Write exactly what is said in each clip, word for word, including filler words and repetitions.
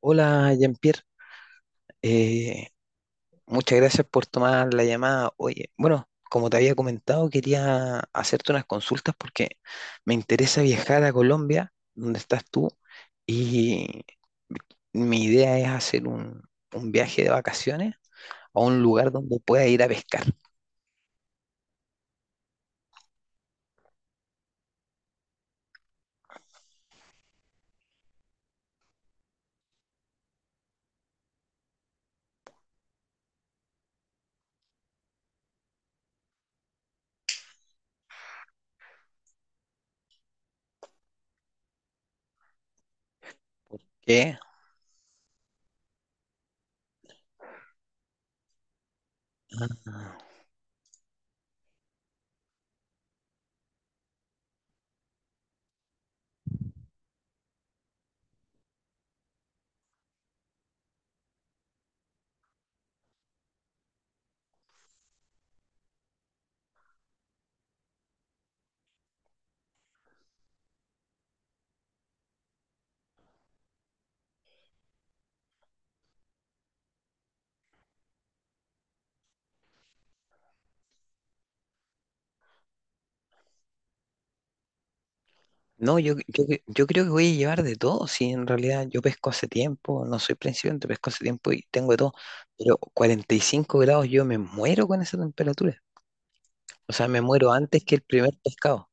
Hola, Jean-Pierre. Eh, muchas gracias por tomar la llamada. Oye, bueno, como te había comentado, quería hacerte unas consultas porque me interesa viajar a Colombia, donde estás tú, y mi idea es hacer un, un viaje de vacaciones a un lugar donde pueda ir a pescar. ¿Qué? No, yo, yo, yo creo que voy a llevar de todo, si en realidad yo pesco hace tiempo, no soy principiante, pesco hace tiempo y tengo de todo, pero cuarenta y cinco grados yo me muero con esa temperatura. O sea, me muero antes que el primer pescado.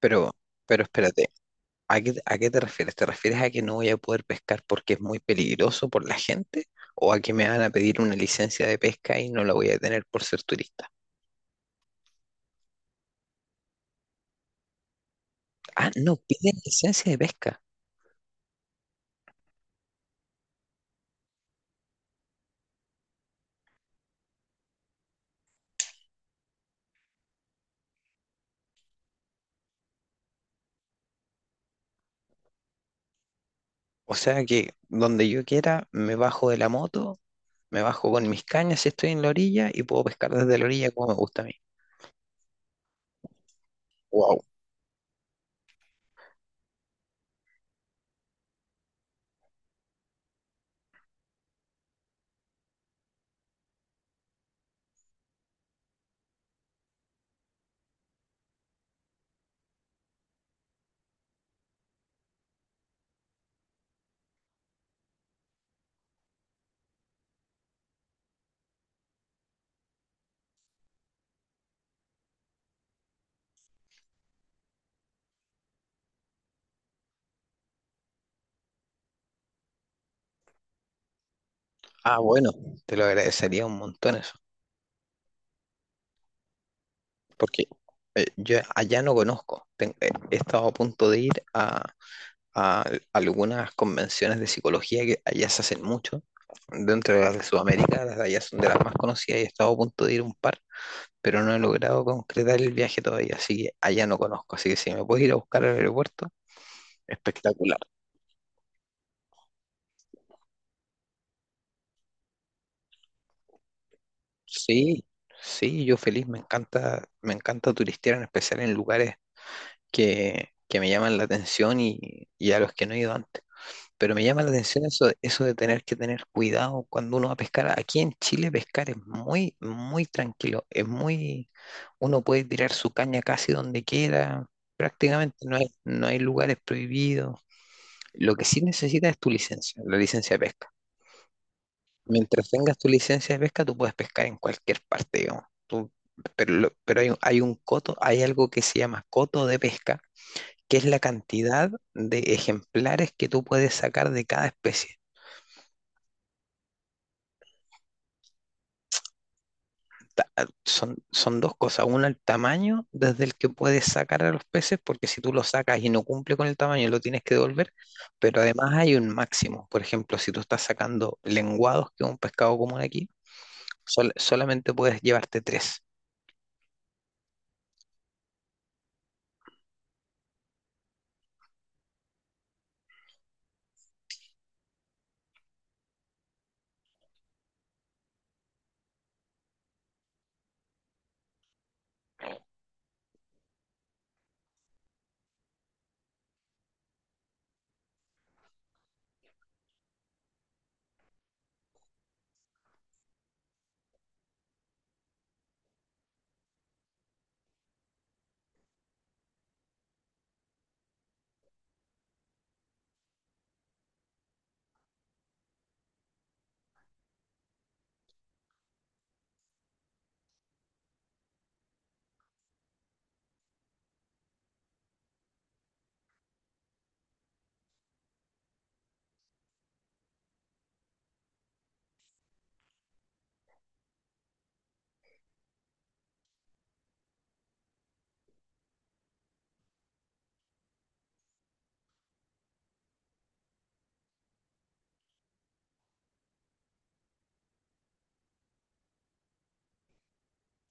Pero, pero espérate, ¿a qué, a qué te refieres? ¿Te refieres a que no voy a poder pescar porque es muy peligroso por la gente? ¿O a que me van a pedir una licencia de pesca y no la voy a tener por ser turista? Ah, no, piden licencia de pesca. O sea que donde yo quiera, me bajo de la moto, me bajo con mis cañas si estoy en la orilla y puedo pescar desde la orilla como me gusta a mí. Wow. Ah, bueno, te lo agradecería un montón eso. Porque eh, yo allá no conozco. Ten- eh, he estado a punto de ir a, a algunas convenciones de psicología que allá se hacen mucho. Dentro de las de Sudamérica, las de allá son de las más conocidas y he estado a punto de ir a un par, pero no he logrado concretar el viaje todavía, así que allá no conozco. Así que si me puedes ir a buscar al aeropuerto, espectacular. Sí, sí, yo feliz, me encanta, me encanta turistear, en especial en lugares que, que me llaman la atención y, y a los que no he ido antes. Pero me llama la atención eso, eso de tener que tener cuidado cuando uno va a pescar. Aquí en Chile pescar es muy, muy tranquilo. Es muy, uno puede tirar su caña casi donde quiera. Prácticamente no hay, no hay lugares prohibidos. Lo que sí necesitas es tu licencia, la licencia de pesca. Mientras tengas tu licencia de pesca, tú puedes pescar en cualquier parte, digamos. Tú- pero lo- pero hay, un- hay un coto, hay algo que se llama coto de pesca, que es la cantidad de ejemplares que tú puedes sacar de cada especie. ta- son, son dos cosas. Una, el tamaño desde el que puedes sacar a los peces, porque si tú lo sacas y no cumple con el tamaño, lo tienes que devolver. Pero además hay un máximo. Por ejemplo, si tú estás sacando lenguados, que es un pescado común aquí, sol- solamente puedes llevarte tres.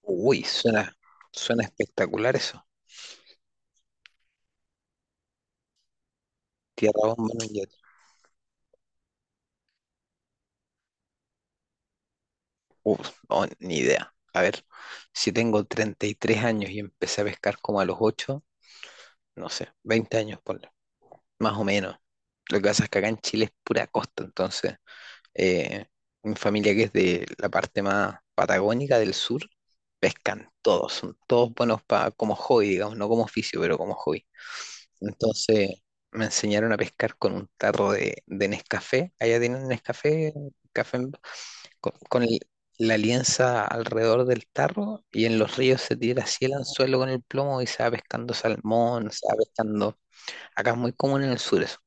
Uy, suena, suena espectacular eso. Tierra bomba en un yate. Uf, no, ni idea. A ver, si tengo treinta y tres años y empecé a pescar como a los ocho no sé, veinte años, por más o menos. Lo que pasa es que acá en Chile es pura costa, entonces eh, mi familia que es de la parte más patagónica del sur, pescan todos, son todos buenos pa- como hobby, digamos, no como oficio, pero como hobby. Entonces me enseñaron a pescar con un tarro de, de Nescafé, allá tienen Nescafé, café en- con, con el- la lienza alrededor del tarro y en los ríos se tira así el anzuelo con el plomo y se va pescando salmón, se va pescando. Acá es muy común en el sur eso.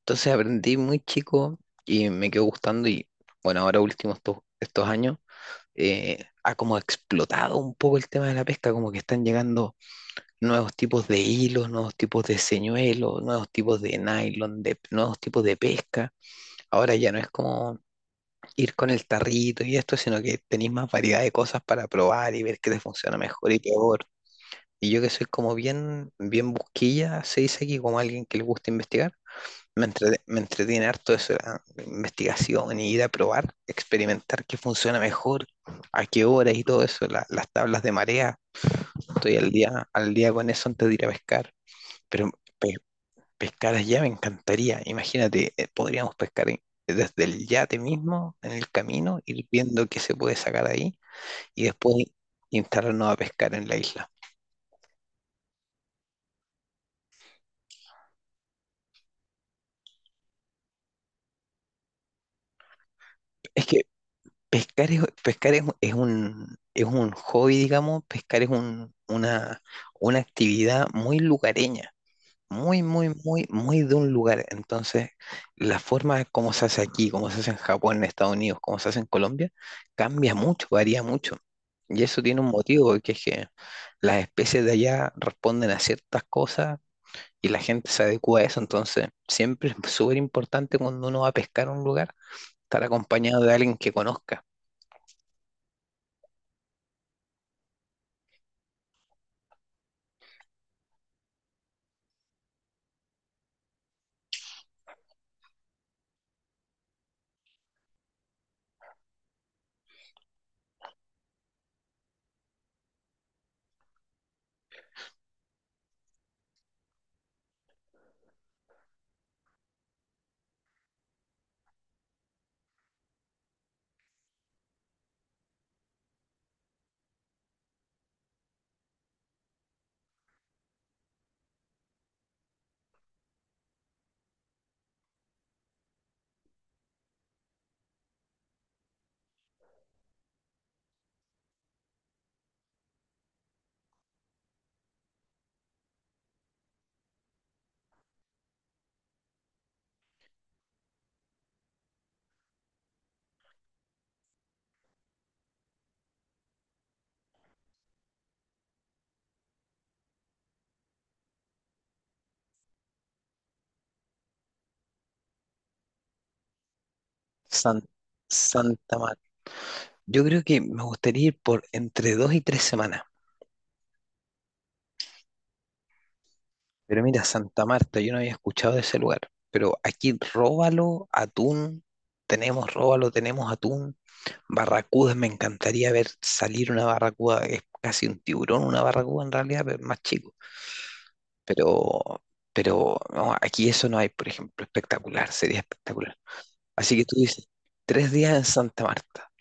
Entonces aprendí muy chico y me quedó gustando y bueno, ahora últimos estos, estos años eh, ha como explotado un poco el tema de la pesca, como que están llegando nuevos tipos de hilos, nuevos tipos de señuelos, nuevos tipos de nylon, de, nuevos tipos de pesca. Ahora ya no es como ir con el tarrito y esto, sino que tenéis más variedad de cosas para probar y ver qué te funciona mejor y peor. Y yo que soy como bien, bien busquilla, se dice aquí como alguien que le gusta investigar. Me entretiene, me entretiene harto eso, la investigación, y ir a probar, experimentar qué funciona mejor, a qué horas y todo eso, la- las tablas de marea. Estoy al día, al día con eso antes de ir a pescar. Pero pe- pescar allá me encantaría. Imagínate, eh, podríamos pescar en- desde el yate mismo, en el camino, ir viendo qué se puede sacar ahí y después instalarnos a pescar en la isla. Es que Pescar es, pescar es, es un, es un hobby, digamos, pescar es un- una, una actividad muy lugareña, muy, muy, muy, muy de un lugar. Entonces, la forma como se hace aquí, como se hace en Japón, en Estados Unidos, como se hace en Colombia, cambia mucho, varía mucho. Y eso tiene un motivo, que es que las especies de allá responden a ciertas cosas y la gente se adecua a eso. Entonces, siempre es súper importante cuando uno va a pescar a un lugar, estar acompañado de alguien que conozca. San- Santa Marta. Yo creo que me gustaría ir por entre dos y tres semanas. Pero mira, Santa Marta, yo no había escuchado de ese lugar. Pero aquí róbalo, atún, tenemos róbalo, tenemos atún. Barracudas, me encantaría ver salir una barracuda, es casi un tiburón, una barracuda en realidad, pero más chico. Pero, pero no, aquí eso no hay, por ejemplo, espectacular, sería espectacular. Así que tú dices, tres días en Santa Marta.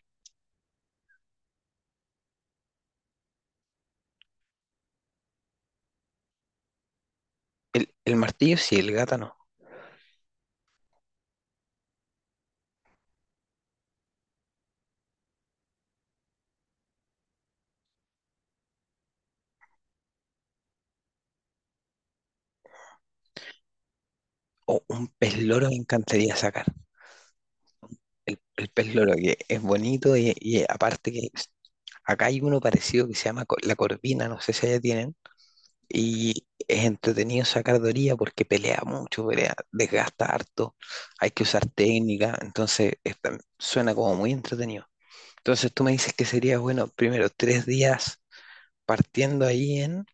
El, el martillo sí, el gata no. O un pez loro me encantaría sacar. El, el pez loro que es bonito y, y aparte que es- acá hay uno parecido que se llama co- la corvina, no sé si allá tienen. Y es entretenido sacar de orilla porque pelea mucho, pelea, desgasta harto, hay que usar técnica, entonces es tam- suena como muy entretenido. Entonces tú me dices que sería bueno primero tres días partiendo ahí en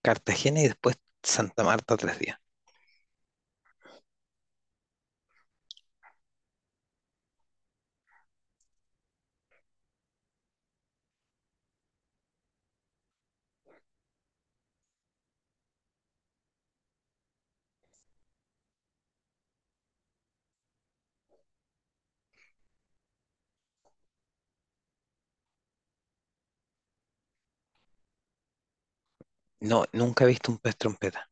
Cartagena y después Santa Marta tres días. No, nunca he visto un pez trompeta.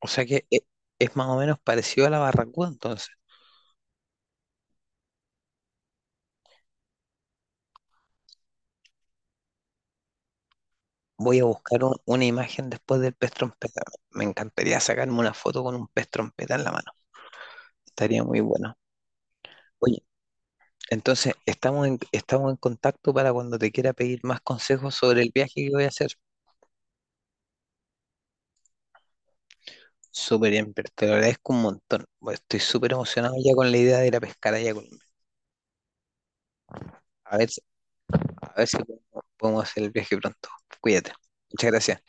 O sea que e- es más o menos parecido a la barracuda, entonces. Voy a buscar un- una imagen después del pez trompeta. Me encantaría sacarme una foto con un pez trompeta en la mano. Estaría muy bueno. Oye, entonces estamos en, estamos en contacto para cuando te quiera pedir más consejos sobre el viaje que voy a hacer. Súper bien, pero te lo agradezco un montón. Bueno, estoy súper emocionado ya con la idea de ir a pescar allá. con- A ver, si- a ver si podemos podemos hacer el viaje pronto. Cuídate. Muchas gracias.